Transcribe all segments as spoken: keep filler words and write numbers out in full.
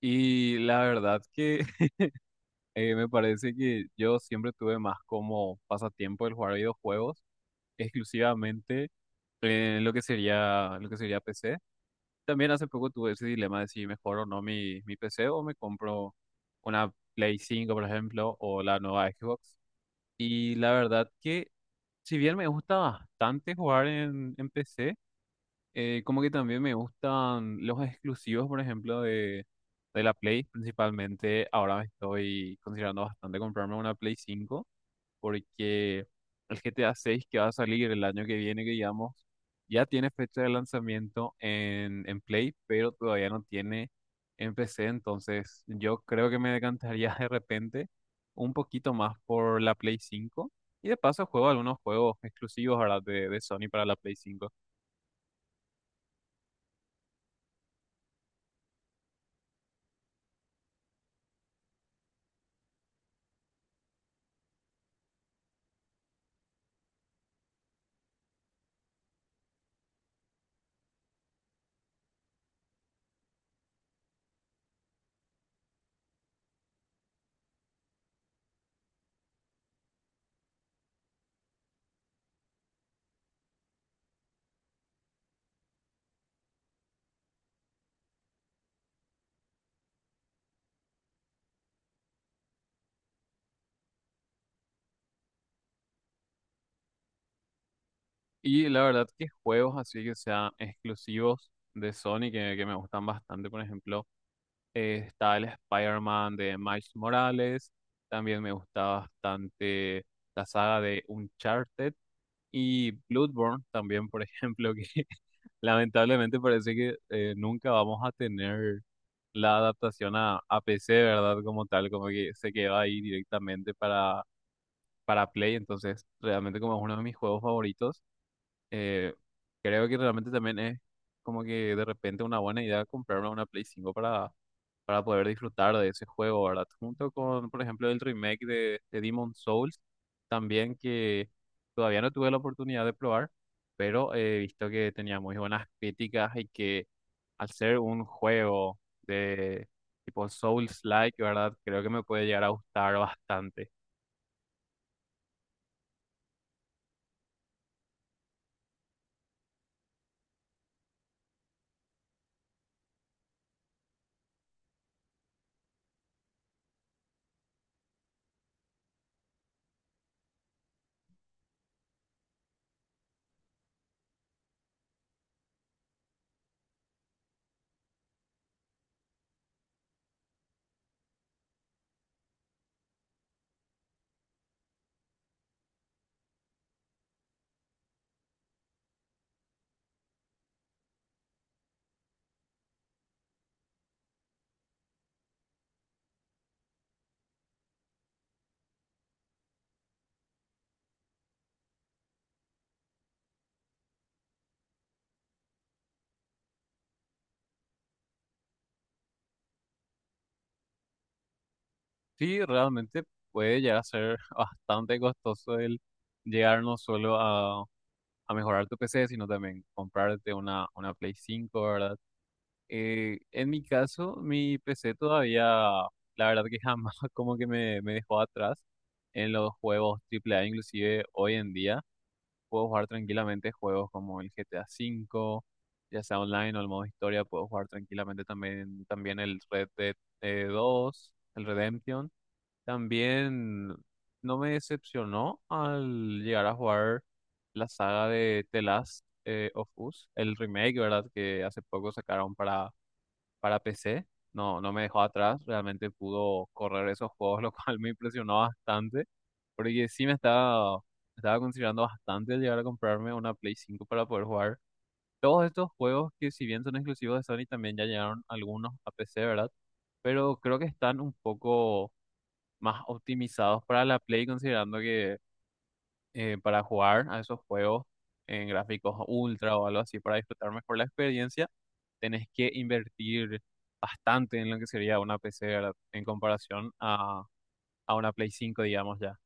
Y la verdad que eh, me parece que yo siempre tuve más como pasatiempo el jugar videojuegos, exclusivamente en lo que sería, lo que sería P C. También hace poco tuve ese dilema de si mejor o no mi, mi P C o me compro una Play cinco por ejemplo, o la nueva Xbox. Y la verdad que si bien me gusta bastante jugar en, en P C, Eh, como que también me gustan los exclusivos, por ejemplo, de, de la Play. Principalmente ahora me estoy considerando bastante comprarme una Play cinco porque el G T A seis que va a salir el año que viene, que digamos, ya tiene fecha de lanzamiento en, en Play, pero todavía no tiene en P C. Entonces yo creo que me decantaría de repente un poquito más por la Play cinco. Y de paso juego algunos juegos exclusivos ahora de, de Sony para la Play cinco. Y la verdad que juegos así que sean exclusivos de Sony que, que me gustan bastante, por ejemplo, eh, está el Spider-Man de Miles Morales, también me gusta bastante la saga de Uncharted y Bloodborne también, por ejemplo, que lamentablemente parece que eh, nunca vamos a tener la adaptación a, a P C, ¿verdad? Como tal, como que se queda ahí directamente para, para Play, entonces realmente como es uno de mis juegos favoritos. Eh, Creo que realmente también es como que de repente una buena idea comprarme una Play cinco para, para poder disfrutar de ese juego, ¿verdad? Junto con, por ejemplo, el remake de, de Demon Souls, también que todavía no tuve la oportunidad de probar, pero he visto que tenía muy buenas críticas y que al ser un juego de tipo Souls-like, ¿verdad? Creo que me puede llegar a gustar bastante. Sí, realmente puede llegar a ser bastante costoso el llegar no solo a, a mejorar tu P C, sino también comprarte una, una Play cinco, ¿verdad? Eh, en mi caso, mi P C todavía, la verdad que jamás como que me, me dejó atrás en los juegos triple A, inclusive hoy en día puedo jugar tranquilamente juegos como el G T A V, ya sea online o el modo historia, puedo jugar tranquilamente también, también el Red Dead eh, dos, el Redemption. También no me decepcionó al llegar a jugar la saga de The Last eh, of Us, el remake, ¿verdad? Que hace poco sacaron para, para P C. No, no me dejó atrás, realmente pudo correr esos juegos, lo cual me impresionó bastante, porque sí me estaba, estaba considerando bastante el llegar a comprarme una Play cinco para poder jugar todos estos juegos que si bien son exclusivos de Sony, también ya llegaron algunos a P C, ¿verdad? Pero creo que están un poco más optimizados para la Play, considerando que eh, para jugar a esos juegos en gráficos ultra o algo así, para disfrutar mejor la experiencia, tenés que invertir bastante en lo que sería una P C, ¿verdad? En comparación a, a una Play cinco digamos ya.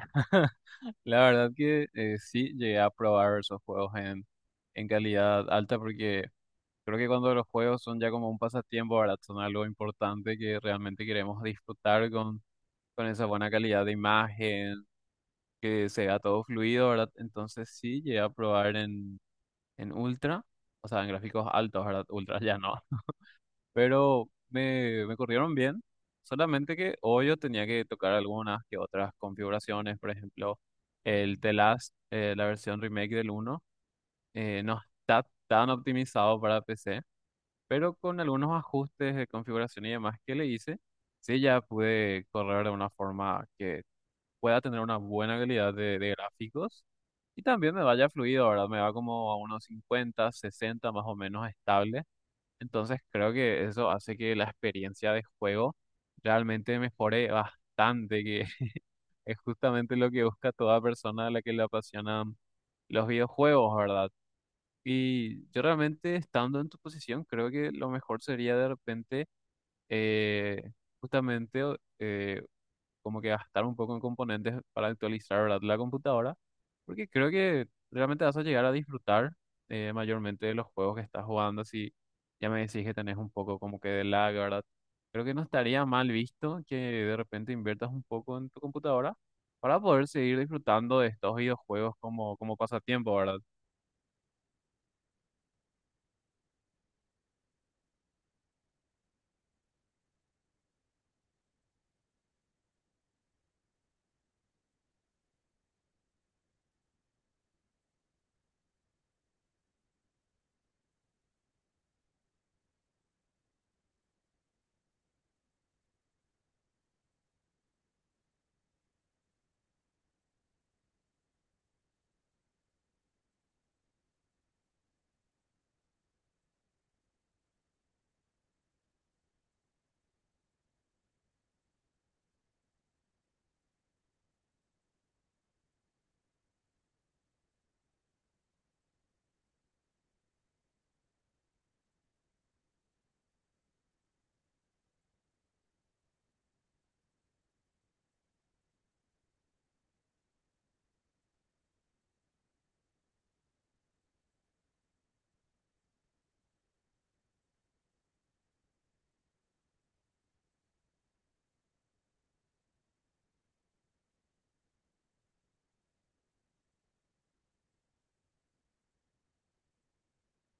La verdad que eh, sí llegué a probar esos juegos en, en calidad alta porque creo que cuando los juegos son ya como un pasatiempo, ¿verdad? Son algo importante que realmente queremos disfrutar con, con esa buena calidad de imagen, que se vea todo fluido, ¿verdad? Entonces sí, llegué a probar en, en ultra, o sea, en gráficos altos, ¿verdad? Ultra ya no. Pero me, me corrieron bien, solamente que hoy yo tenía que tocar algunas que otras configuraciones, por ejemplo, el The Last, eh, la versión remake del uno. Eh, no está tan optimizado para P C, pero con algunos ajustes de configuración y demás que le hice, sí ya pude correr de una forma que pueda tener una buena calidad de, de gráficos y también me vaya fluido, ¿verdad? Me va como a unos cincuenta, sesenta más o menos estable. Entonces creo que eso hace que la experiencia de juego realmente mejore bastante, que es justamente lo que busca toda persona a la que le apasionan los videojuegos, ¿verdad? Y yo realmente estando en tu posición, creo que lo mejor sería de repente eh, justamente eh, como que gastar un poco en componentes para actualizar, ¿verdad? La computadora, porque creo que realmente vas a llegar a disfrutar eh, mayormente de los juegos que estás jugando, si ya me decís que tenés un poco como que de lag, ¿verdad? Creo que no estaría mal visto que de repente inviertas un poco en tu computadora para poder seguir disfrutando de estos videojuegos como, como pasatiempo, ¿verdad?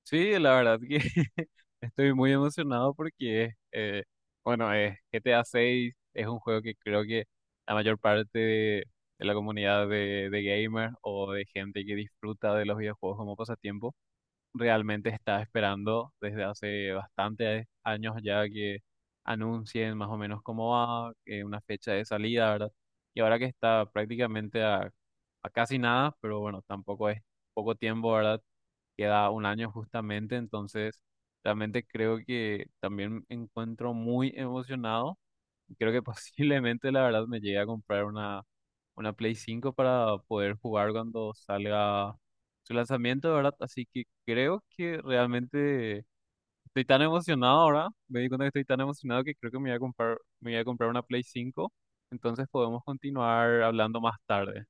Sí, la verdad que estoy muy emocionado porque, es, eh, bueno, es G T A seis es un juego que creo que la mayor parte de, de la comunidad de, de gamers o de gente que disfruta de los videojuegos como pasatiempo realmente está esperando desde hace bastantes años ya que anuncien más o menos cómo va, eh, una fecha de salida, ¿verdad? Y ahora que está prácticamente a, a casi nada, pero bueno, tampoco es poco tiempo, ¿verdad? Queda un año justamente, entonces realmente creo que también me encuentro muy emocionado. Creo que posiblemente la verdad me llegue a comprar una, una Play cinco para poder jugar cuando salga su lanzamiento, ¿verdad? Así que creo que realmente estoy tan emocionado ahora, me di cuenta que estoy tan emocionado que creo que me voy a comprar, me voy a comprar una Play cinco entonces podemos continuar hablando más tarde.